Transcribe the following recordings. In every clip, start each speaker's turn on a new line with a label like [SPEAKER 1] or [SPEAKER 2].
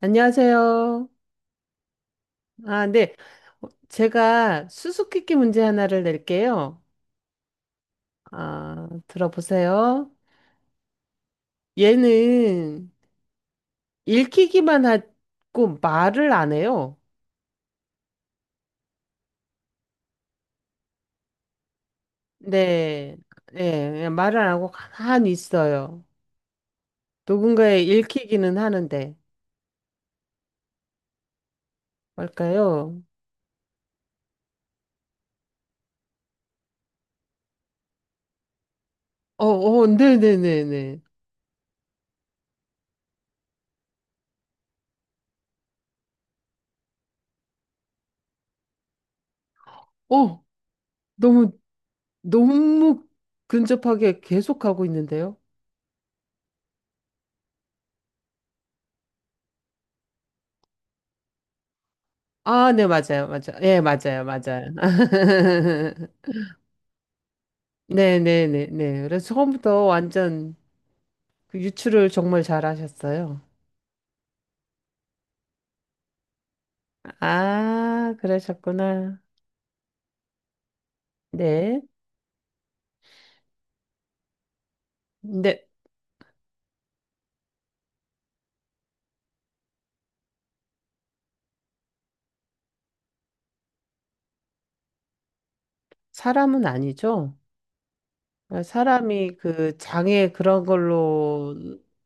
[SPEAKER 1] 안녕하세요. 아, 네. 제가 수수께끼 문제 하나를 낼게요. 아, 들어보세요. 얘는 읽히기만 하고 말을 안 해요. 네. 네. 그냥 말을 안 하고 가만히 있어요. 누군가의 읽히기는 하는데. 뭘까요? 어, 어, 네네네네. 어, 너무, 너무 근접하게 계속하고 있는데요. 아, 네, 맞아요. 맞아요. 예, 맞아요. 맞아요. 네네네네. 그래서 처음부터 완전 그 유추를 정말 잘하셨어요. 아, 그러셨구나. 네. 근데 사람은 아니죠? 아, 사람이 그 장애 그런 걸로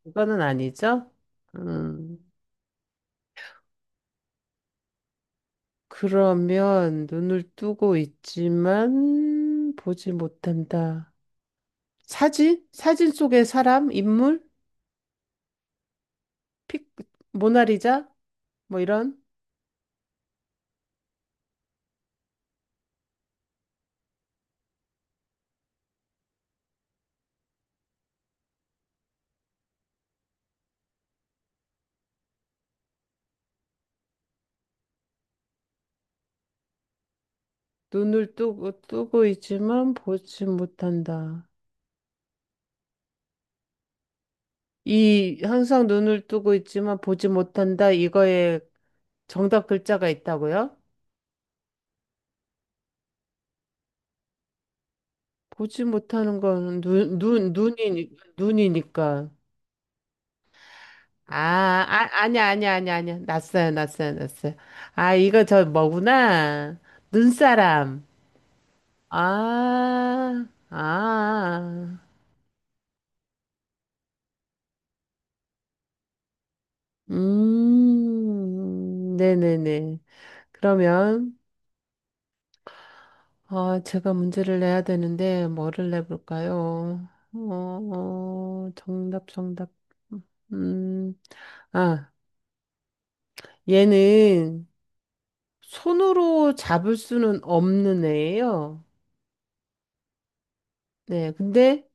[SPEAKER 1] 그거는 아니죠? 음, 그러면 눈을 뜨고 있지만 보지 못한다. 사진? 사진 속의 사람? 인물? 픽, 모나리자? 뭐 이런? 눈을 뜨고 있지만 보지 못한다. 이 항상 눈을 뜨고 있지만 보지 못한다. 이거에 정답 글자가 있다고요? 보지 못하는 건 눈이니까. 아, 아, 아니야, 아니야, 아니야, 아니야. 났어요, 났어요, 났어요. 아, 이거 저 뭐구나. 눈사람. 아, 아. 아. 네네네. 그러면. 아, 제가 문제를 내야 되는데, 뭐를 내볼까요? 어, 어, 정답, 정답. 음, 아, 얘는 손으로 잡을 수는 없는 애예요. 네, 근데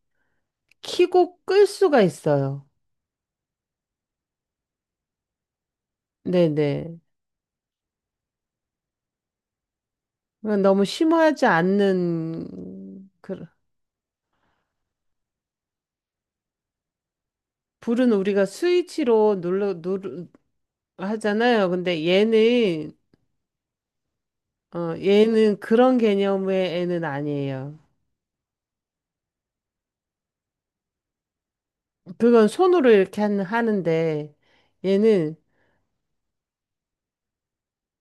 [SPEAKER 1] 키고 끌 수가 있어요. 네네. 너무 심하지 않는, 그, 불은 우리가 스위치로 눌러, 누르, 하잖아요. 근데 얘는, 어, 얘는 그런 개념의 애는 아니에요. 그건 손으로 이렇게 하는데 얘는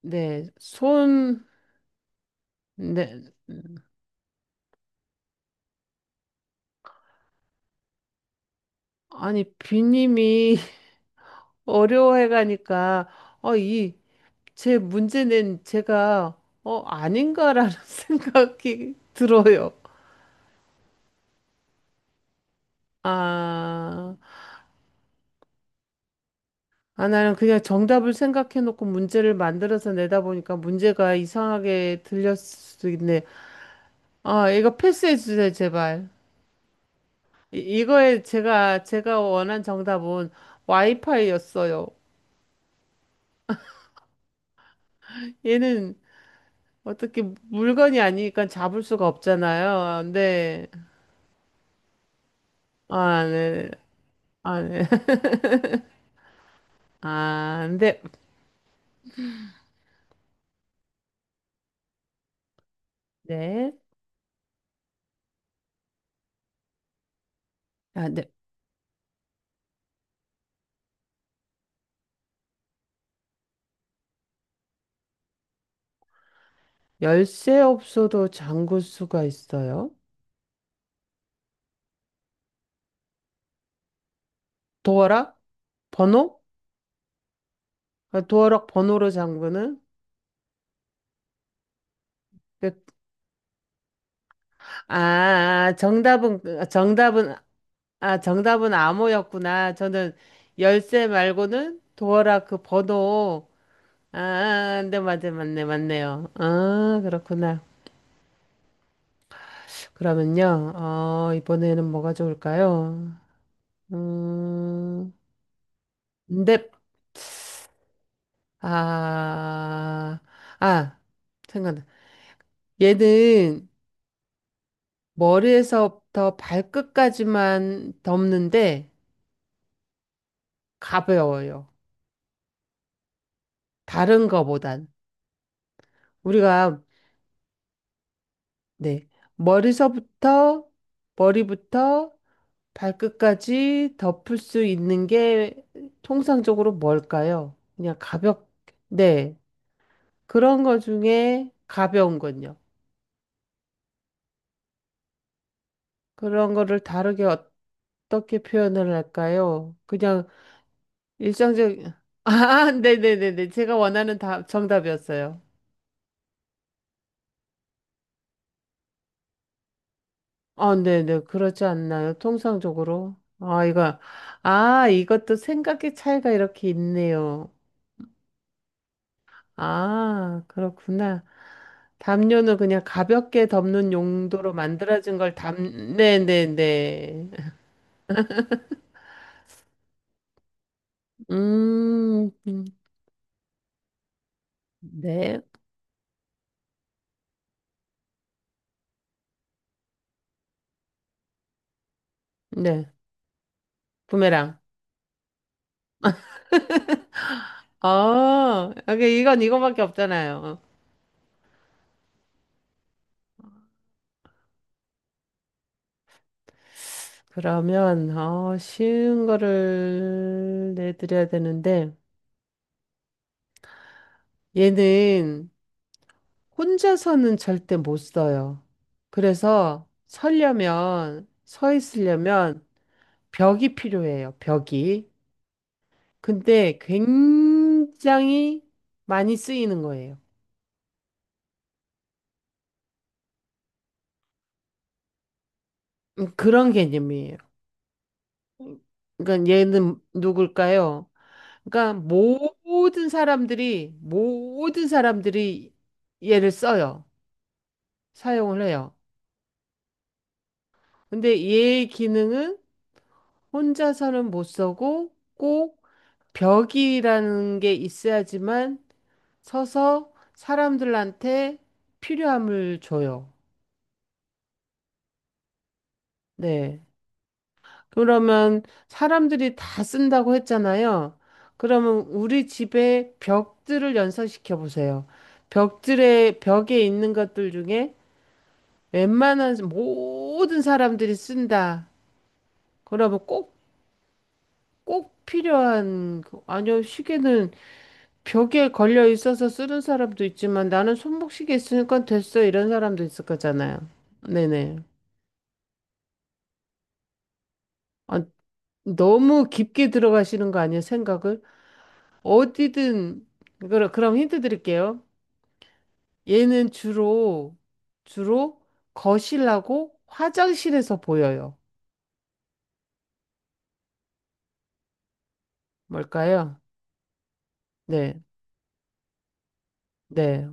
[SPEAKER 1] 네, 손 네, 아니 비님이 어려워해가니까 이 제 문제는 제가 아닌가라는 생각이 들어요. 아, 아, 나는 그냥 정답을 생각해놓고 문제를 만들어서 내다 보니까 문제가 이상하게 들렸을 수도 있네. 아, 이거 패스해주세요, 제발. 이거에 제가 원한 정답은 와이파이였어요. 얘는 어떻게 물건이 아니니까 잡을 수가 없잖아요. 근데 아, 네. 아, 네. 아, 근데 네. 아, 네. 열쇠 없어도 잠글 수가 있어요. 도어락 번호? 아, 도어락 번호로 잠그는? 그- 아, 아, 정답은 아, 정답은 암호였구나. 저는 열쇠 말고는 도어락 그 번호. 아, 네, 맞네, 맞네, 맞네요. 아, 그렇구나. 그러면요, 어, 이번에는 뭐가 좋을까요? 음, 넵. 아, 아, 생각나. 얘는 머리에서부터 발끝까지만 덮는데 가벼워요. 다른 거보단. 우리가 네. 머리서부터, 머리부터 발끝까지 덮을 수 있는 게 통상적으로 뭘까요? 그냥 가볍, 네. 그런 거 중에 가벼운 건요. 그런 거를 다르게 어떻게 표현을 할까요? 그냥 일상적, 아, 네네네네. 제가 원하는 답, 정답이었어요. 아, 네네. 그렇지 않나요? 통상적으로. 아, 이거, 아, 이것도 생각의 차이가 이렇게 있네요. 아, 그렇구나. 담요는 그냥 가볍게 덮는 용도로 만들어진 걸 담, 네네네. 음, 음, 네. 네. 부메랑. 아, 이건 이거밖에 없잖아요. 그러면, 어, 쉬운 거를 내드려야 되는데, 얘는 혼자서는 절대 못 써요. 그래서 서려면, 서 있으려면 벽이 필요해요, 벽이. 근데 굉장히 많이 쓰이는 거예요. 그런 개념이에요. 음, 그러니까 얘는 누굴까요? 그러니까 모든 사람들이 얘를 써요. 사용을 해요. 근데 얘의 기능은 혼자서는 못 쓰고 꼭 벽이라는 게 있어야지만 서서 사람들한테 필요함을 줘요. 네. 그러면 사람들이 다 쓴다고 했잖아요. 그러면 우리 집에 벽들을 연상시켜 보세요. 벽들의 벽에 있는 것들 중에 웬만한 모든 사람들이 쓴다. 그러면 꼭, 꼭 필요한, 그- 아니요, 시계는 벽에 걸려 있어서 쓰는 사람도 있지만 나는 손목시계 있으니까 됐어. 이런 사람도 있을 거잖아요. 네네. 아, 너무 깊게 들어가시는 거 아니에요? 생각을? 어디든 그럼 힌트 드릴게요. 얘는 주로 거실하고 화장실에서 보여요. 뭘까요? 네, 네.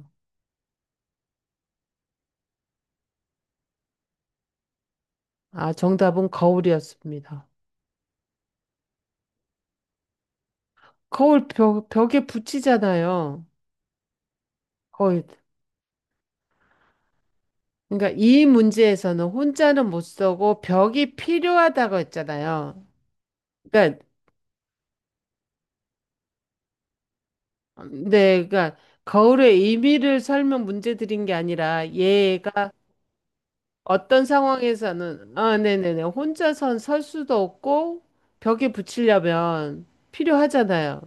[SPEAKER 1] 아, 정답은 거울이었습니다. 거울 벽에 붙이잖아요. 거울. 그러니까 이 문제에서는 혼자는 못 쓰고 벽이 필요하다고 했잖아요. 그러니까 네, 그러니까 거울의 의미를 설명 문제 드린 게 아니라 얘가 어떤 상황에서는, 아, 네네네. 혼자선 설 수도 없고, 벽에 붙이려면 필요하잖아요.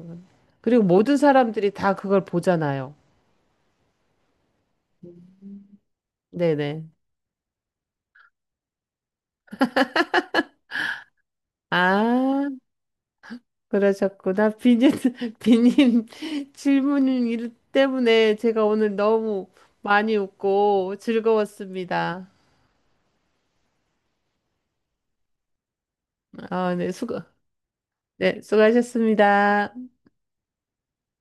[SPEAKER 1] 그리고 모든 사람들이 다 그걸 보잖아요. 네네. 아, 그러셨구나. 비님, 비님 질문 때문에 제가 오늘 너무 많이 웃고 즐거웠습니다. 아, 네, 수고, 네, 수고하셨습니다.